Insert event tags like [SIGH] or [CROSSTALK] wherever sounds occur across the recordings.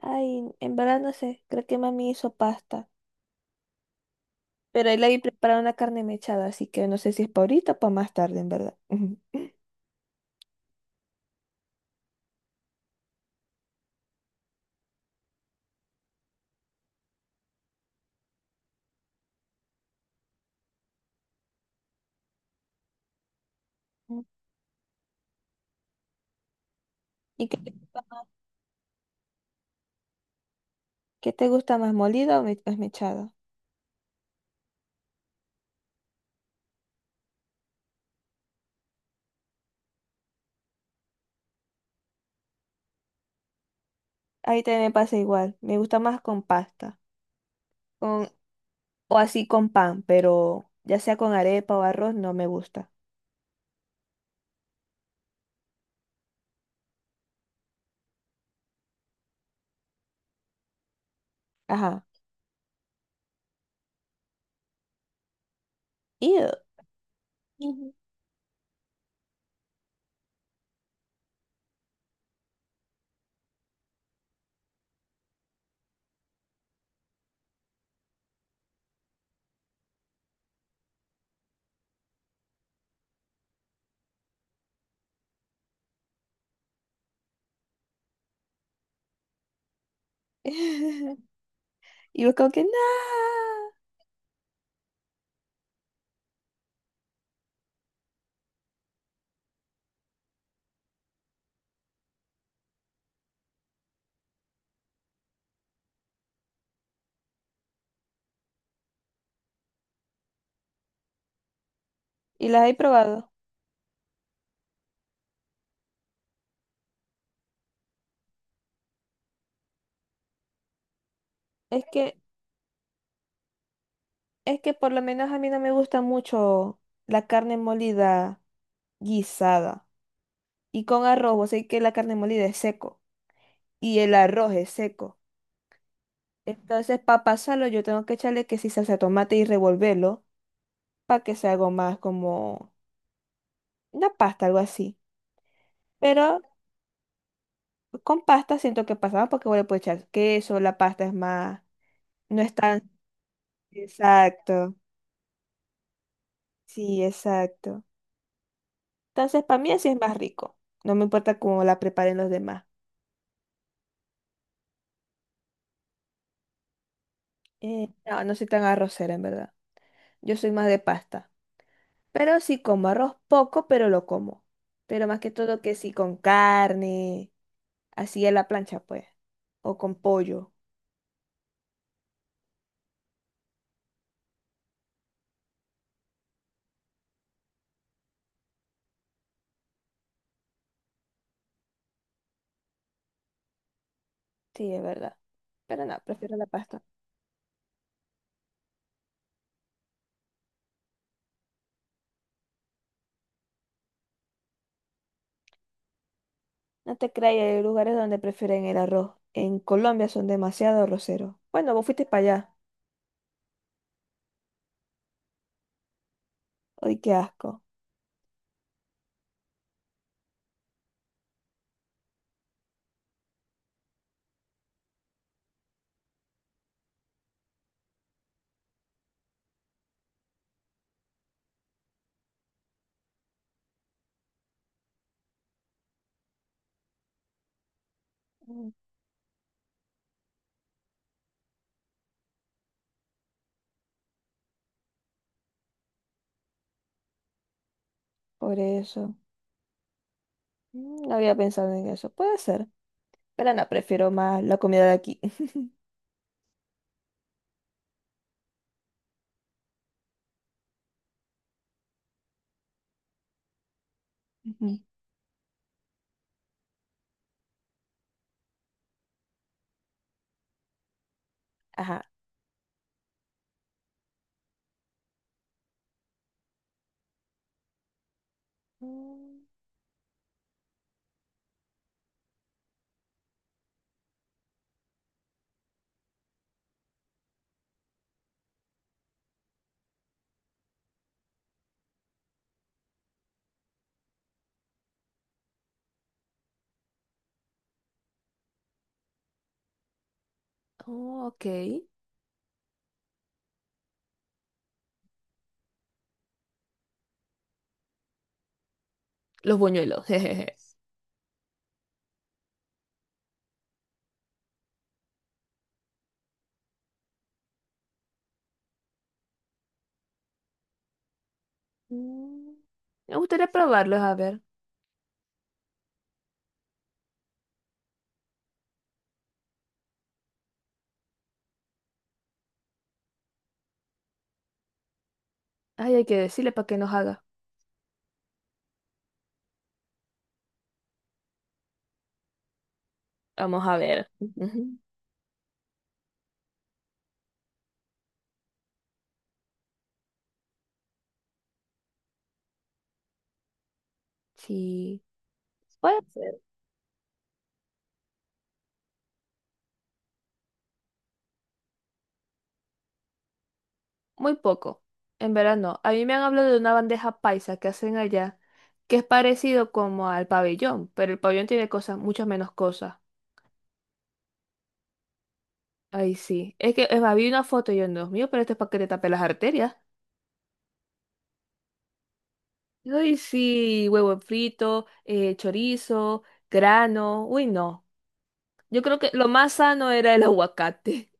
Ay, en verdad no sé, creo que mami hizo pasta, pero ahí la vi preparar una carne mechada, así que no sé si es para ahorita o para más tarde, en verdad. [LAUGHS] Ujú. ¿Y qué, qué te gusta más, más mechada? Ahí también me pasa igual, me gusta más con pasta, con, o así con pan, pero ya sea con arepa o arroz, no me gusta. Ajá. Ew. Ujú. [LAUGHS] Y yo como que, nada. Y las he probado. Es que, es que por lo menos a mí no me gusta mucho la carne molida guisada. Y con arroz, o sea que la carne molida es seco. Y el arroz es seco. Entonces, para pasarlo, yo tengo que echarle que si salsa de tomate y revolverlo para que sea algo más como una pasta, algo así. Pero con pasta siento que pasaba porque voy le puedo echar queso, la pasta es más, no es tan... Exacto, sí, exacto. Entonces, para mí así es más rico. No me importa cómo la preparen los demás. No, no soy tan arrocera, en verdad. Yo soy más de pasta. Pero sí como arroz poco, pero lo como. Pero más que todo que sí con carne, así a la plancha, pues. O con pollo. Sí, es verdad. Pero no, prefiero la pasta. No te creas, hay lugares donde prefieren el arroz. En Colombia son demasiado arroceros. Bueno, vos fuiste para allá. Ay, qué asco. Mm. Por eso. Mm, no había pensado en eso. Puede ser. Pero no, prefiero más la comida de aquí. Ujú. [LAUGHS] Ajá. Mm. Oh, ok. Los buñuelos. [LAUGHS] Jejeje. Mm, me gustaría probarlos, a ver. Ay, hay que decirle para que nos haga. Vamos a ver. Ujú. Sí. Bueno, puede ser. Muy poco. En verano. A mí me han hablado de una bandeja paisa que hacen allá, que es parecido como al pabellón, pero el pabellón tiene cosas, muchas menos cosas. Ay, sí. Es más, vi una foto y yo, Dios mío, pero esto es para que te tape las arterias. Uy, sí, huevo frito, chorizo, grano. Uy, no. Yo creo que lo más sano era el [LAUGHS] aguacate.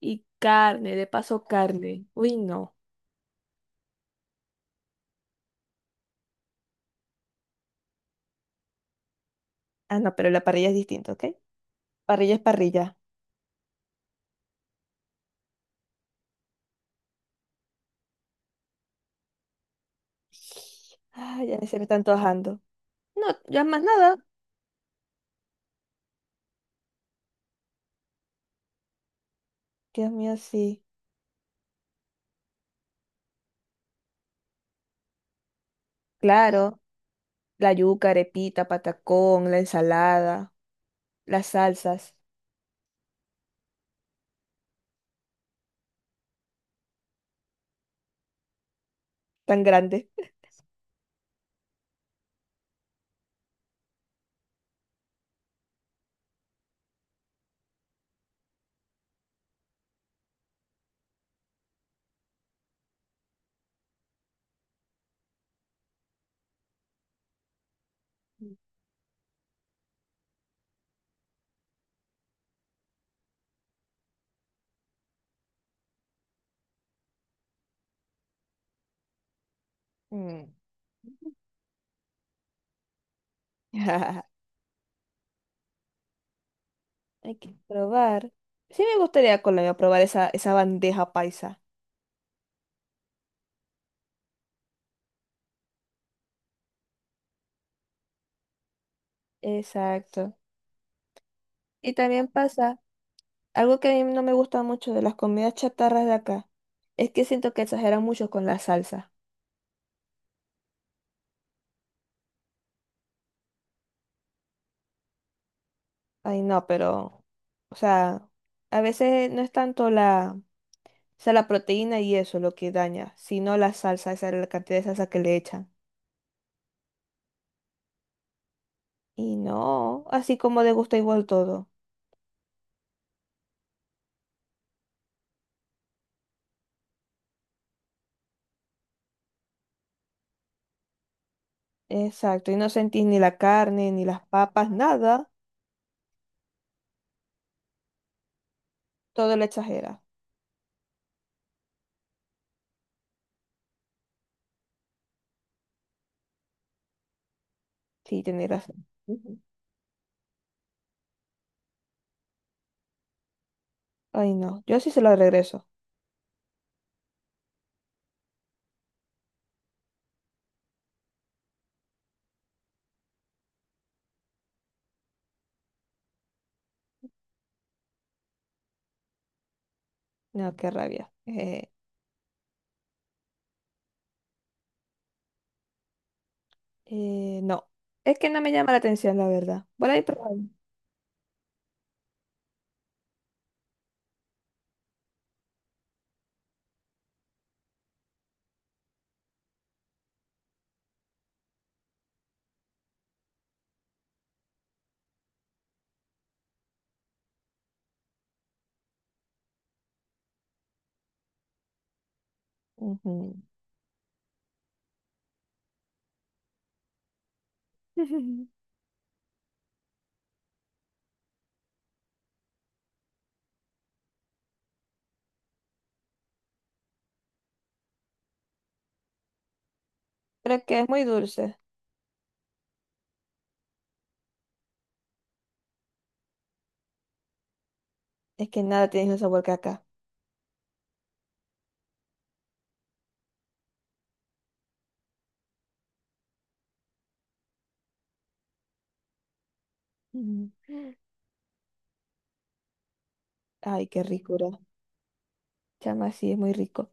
Y carne, de paso carne. Uy, no. Ah, no, pero la parrilla es distinta, ¿ok? Parrilla es parrilla. Ay, ya se me están antojando. No, ya más nada. Dios mío, sí. Claro, la yuca, arepita, patacón, la ensalada, las salsas, tan grande. Mm. [LAUGHS] Hay que probar. Sí me gustaría Colombia probar esa, esa bandeja paisa. Exacto. Y también pasa, algo que a mí no me gusta mucho de las comidas chatarras de acá, es que siento que exageran mucho con la salsa. Ay, no, pero, o sea, a veces no es tanto la, o sea, la proteína y eso lo que daña, sino la salsa, esa la cantidad de salsa que le echan. Y no, así como de gusto igual todo. Exacto, y no sentís ni la carne, ni las papas, nada, todo lo exagera. Sí, tenés razón. Ujú. Ay, no. Yo sí se lo regreso. No, qué rabia. No. Es que no me llama la atención, la verdad. Por ahí probado. Ujú. [LAUGHS] Pero que es muy dulce. Es que nada tiene el sabor que acá. Ujú. Ay, qué ricura. Chama, sí, es muy rico.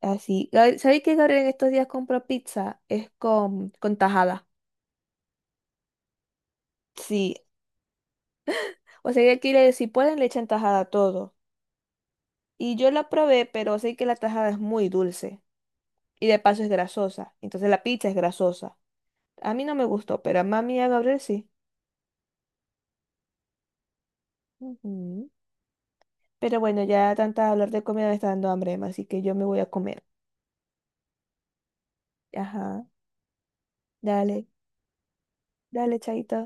Así. Gab- ¿Sabéis que Gabriel en estos días compró pizza? Es con tajada. Sí. O sea, que quiere, si pueden, le echan tajada a todo. Y yo la probé, pero sé que la tajada es muy dulce. Y de paso es grasosa. Entonces la pizza es grasosa. A mí no me gustó, pero a mami y a Gabriel sí. Ujú. Pero bueno, ya tanta hablar de comida me está dando hambre, Emma, así que yo me voy a comer. Ajá. Dale, dale, chaito.